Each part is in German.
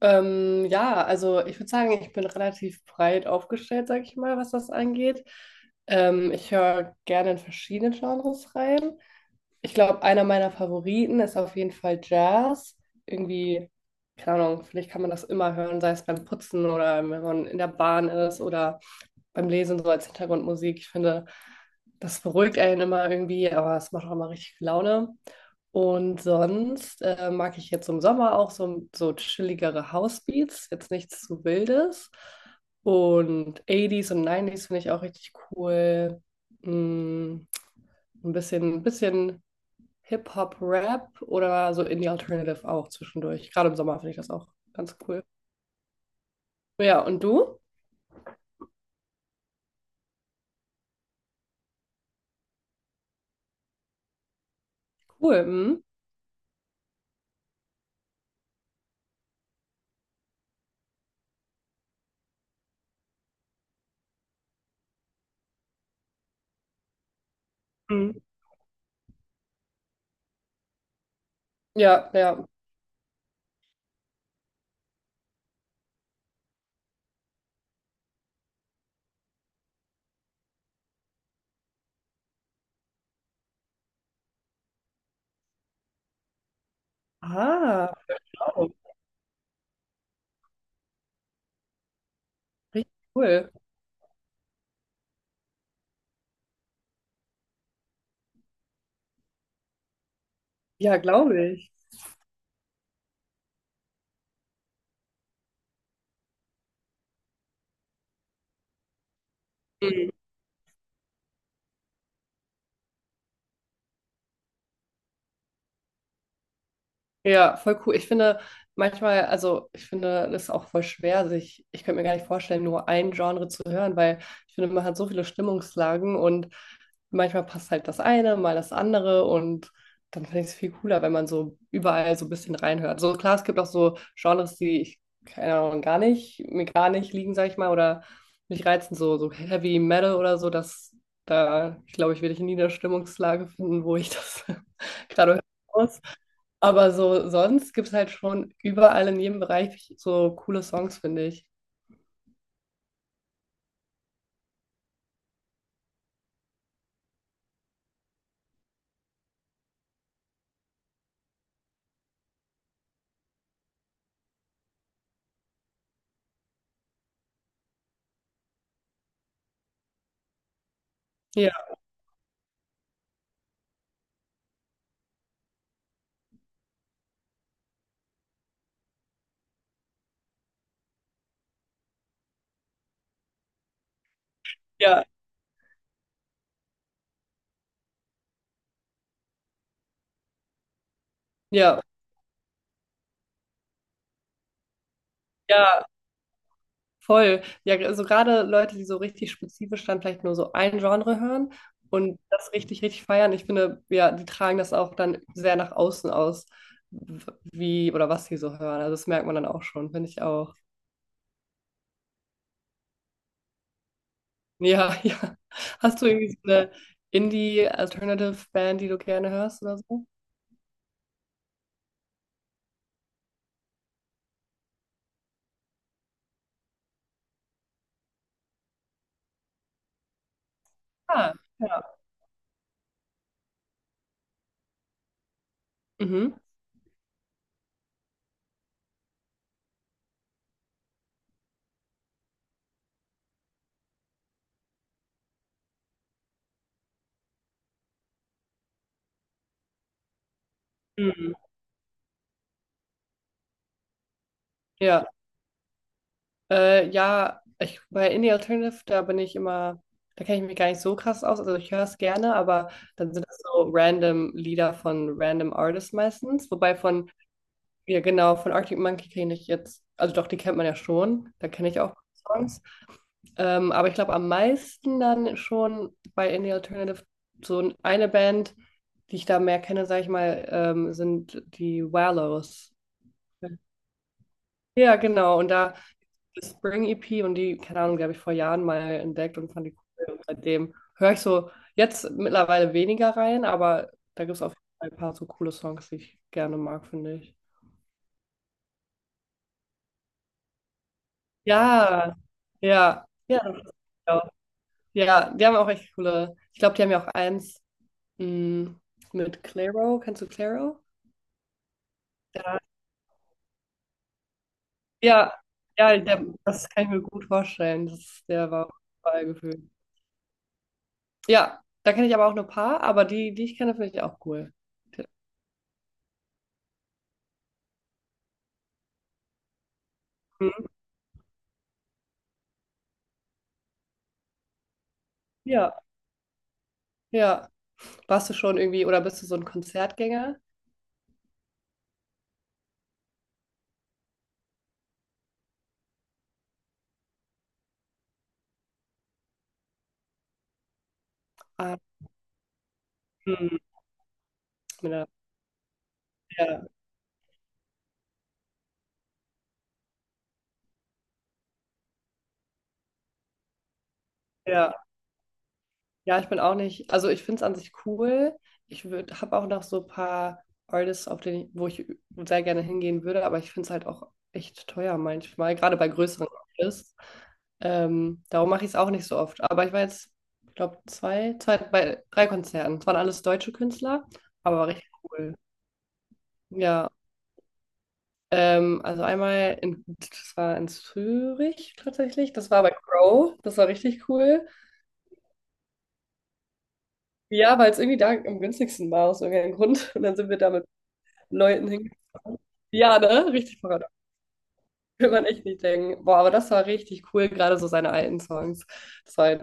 Ja, also ich würde sagen, ich bin relativ breit aufgestellt, sag ich mal, was das angeht. Ich höre gerne in verschiedene Genres rein. Ich glaube, einer meiner Favoriten ist auf jeden Fall Jazz. Irgendwie, keine Ahnung, vielleicht kann man das immer hören, sei es beim Putzen oder wenn man in der Bahn ist oder beim Lesen so als Hintergrundmusik. Ich finde, das beruhigt einen immer irgendwie, aber es macht auch immer richtig viel Laune. Und sonst mag ich jetzt im Sommer auch so, so chilligere Housebeats, jetzt nichts zu Wildes. Und 80er und 90er finde ich auch richtig cool. Mm, ein bisschen Hip-Hop, Rap oder so Indie Alternative auch zwischendurch. Gerade im Sommer finde ich das auch ganz cool. Ja, und du? Cool. Mhm. Mhm. Ja, ja. Ah, wow. Richtig cool. Ja, glaube ich. Ja, voll cool. Ich finde manchmal, also ich finde das auch voll schwer, sich, ich könnte mir gar nicht vorstellen, nur ein Genre zu hören, weil ich finde, man hat so viele Stimmungslagen und manchmal passt halt das eine, mal das andere und dann finde ich es viel cooler, wenn man so überall so ein bisschen reinhört. So klar, es gibt auch so Genres, die ich, keine Ahnung, gar nicht, mir gar nicht liegen, sag ich mal, oder mich reizen, so, so Heavy Metal oder so, dass da, ich glaube, ich werde ich nie eine Stimmungslage finden, wo ich das gerade hören muss. Aber so sonst gibt es halt schon überall in jedem Bereich so coole Songs, finde ich. Ja, ja, ja, ja, voll. Ja, also gerade Leute, die so richtig spezifisch dann vielleicht nur so ein Genre hören und das richtig, richtig feiern. Ich finde, ja, die tragen das auch dann sehr nach außen aus, wie oder was sie so hören. Also das merkt man dann auch schon, finde ich auch. Ja, ja. Hast du irgendwie so eine Indie-Alternative-Band, die du gerne hörst oder so? Ah, ja. Mhm. Mhm. Ja. Ja, ich, bei Indie Alternative, da bin ich immer, da kenne ich mich gar nicht so krass aus. Also ich höre es gerne, aber dann sind das so random Lieder von random Artists meistens. Wobei von, ja genau, von Arctic Monkey kenne ich jetzt, also doch, die kennt man ja schon, da kenne ich auch Songs. Aber ich glaube am meisten dann schon bei Indie Alternative so eine Band, die ich da mehr kenne, sage ich mal, sind die Wallows. Ja, genau. Und da Spring EP und die, keine Ahnung, die habe ich vor Jahren mal entdeckt und fand die cool. Und seitdem höre ich so jetzt mittlerweile weniger rein, aber da gibt es auf jeden Fall ein paar so coole Songs, die ich gerne mag, finde ich. Ja, ja, ja, das ist ja auch- ja, die haben auch echt coole. Ich glaube, die haben ja auch eins mh, mit Clairo. Kennst du Clairo? Ja, ja, der, das kann ich mir gut vorstellen. Das, ist- der war bei gefühlt. Ja, da kenne ich aber auch nur ein paar, aber die, die ich kenne, finde ich auch cool. Mhm. Ja. Ja, warst du schon irgendwie oder bist du so ein Konzertgänger? Ah, hm, ja, ja, ja, ja, ich bin auch nicht. Also ich finde es an sich cool. Ich würde, habe auch noch so ein paar Artists, auf denen, ich- wo ich sehr gerne hingehen würde, aber ich finde es halt auch echt teuer manchmal, gerade bei größeren Artists. Darum mache ich es auch nicht so oft. Aber ich war jetzt, ich glaube, zwei, zwei, bei drei Konzerten. Es waren alles deutsche Künstler, aber war richtig cool. Ja. Also einmal, in, das war in Zürich tatsächlich. Das war bei Crow. Das war richtig cool. Ja, weil es irgendwie da am günstigsten war, aus irgendeinem Grund. Und dann sind wir da mit Leuten hingefahren. Ja, ne? Richtig paradox. Will man echt nicht denken. Boah, aber das war richtig cool, gerade so seine alten Songs. Das war, halt,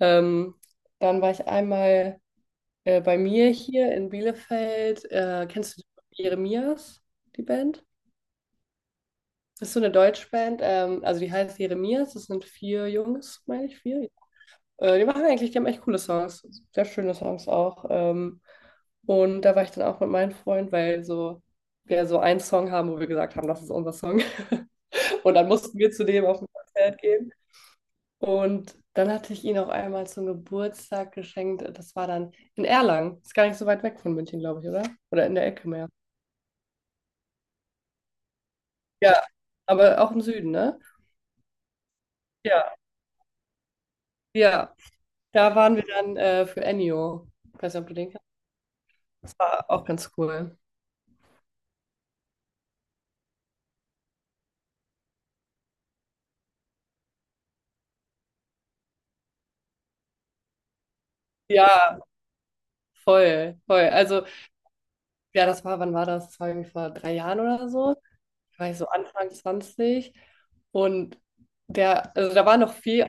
ähm, dann war ich einmal bei mir hier in Bielefeld. Kennst du Jeremias, die Band? Das ist so eine Deutschband, also die heißt Jeremias, das sind vier Jungs, meine ich, vier, die machen eigentlich, die haben echt coole Songs, sehr schöne Songs auch. Und da war ich dann auch mit meinem Freund, weil so wir so einen Song haben, wo wir gesagt haben, das ist unser Song. Und dann mussten wir zu dem auf ein Konzert gehen. Und dann hatte ich ihn auch einmal zum Geburtstag geschenkt. Das war dann in Erlangen. Ist gar nicht so weit weg von München, glaube ich, oder? Oder in der Ecke mehr. Ja, aber auch im Süden, ne? Ja, ja. Da waren wir dann für Ennio. Ich weiß nicht, ob du den kennst. Das war auch ganz cool. Ja, voll, voll. Also, ja, das war, wann war das? Das war irgendwie vor 3 Jahren oder so. Da war ich so Anfang 20 und der, also da war noch viel,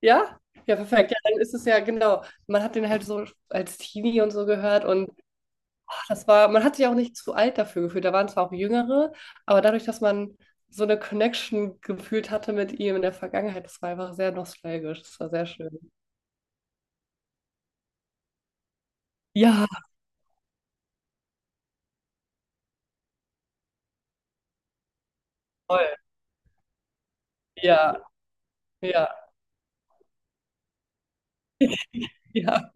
ja? Ja, perfekt. Ja, dann ist es ja genau. Man hat den halt so als Teenie und so gehört. Und ach, das war, man hat sich auch nicht zu alt dafür gefühlt. Da waren zwar auch Jüngere, aber dadurch, dass man so eine Connection gefühlt hatte mit ihm in der Vergangenheit, das war einfach sehr nostalgisch. Das war sehr schön. Ja, voll. Ja, ja, ja.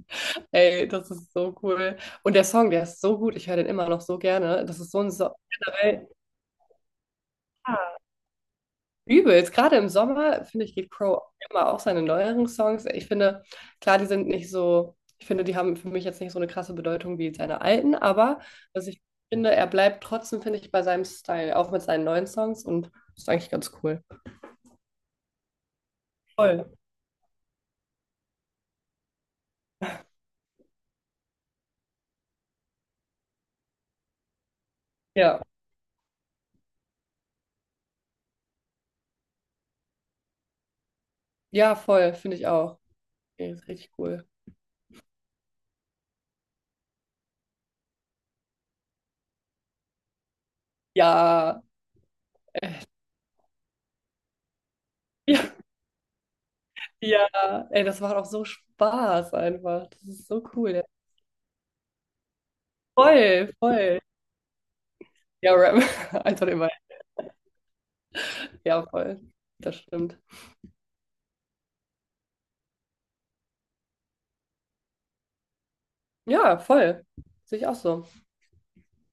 Ey, das ist so cool. Und der Song, der ist so gut. Ich höre den immer noch so gerne. Das ist so ein so generell übelst. Gerade im Sommer, finde ich, geht Crow immer auch seine neueren Songs. Ich finde, klar, die sind nicht so, ich finde, die haben für mich jetzt nicht so eine krasse Bedeutung wie seine alten, aber was ich finde, er bleibt trotzdem, finde ich, bei seinem Style, auch mit seinen neuen Songs und ist eigentlich ganz cool. Voll. Ja. Ja, voll, finde ich auch. Ey, ist richtig cool. Ja. Ja. Ja. Ey, das macht auch so Spaß einfach. Das ist so cool. Ja. Voll, voll. Ja, Rap. Einfach immer. Ja, voll. Das stimmt. Ja, voll. Sehe ich auch so.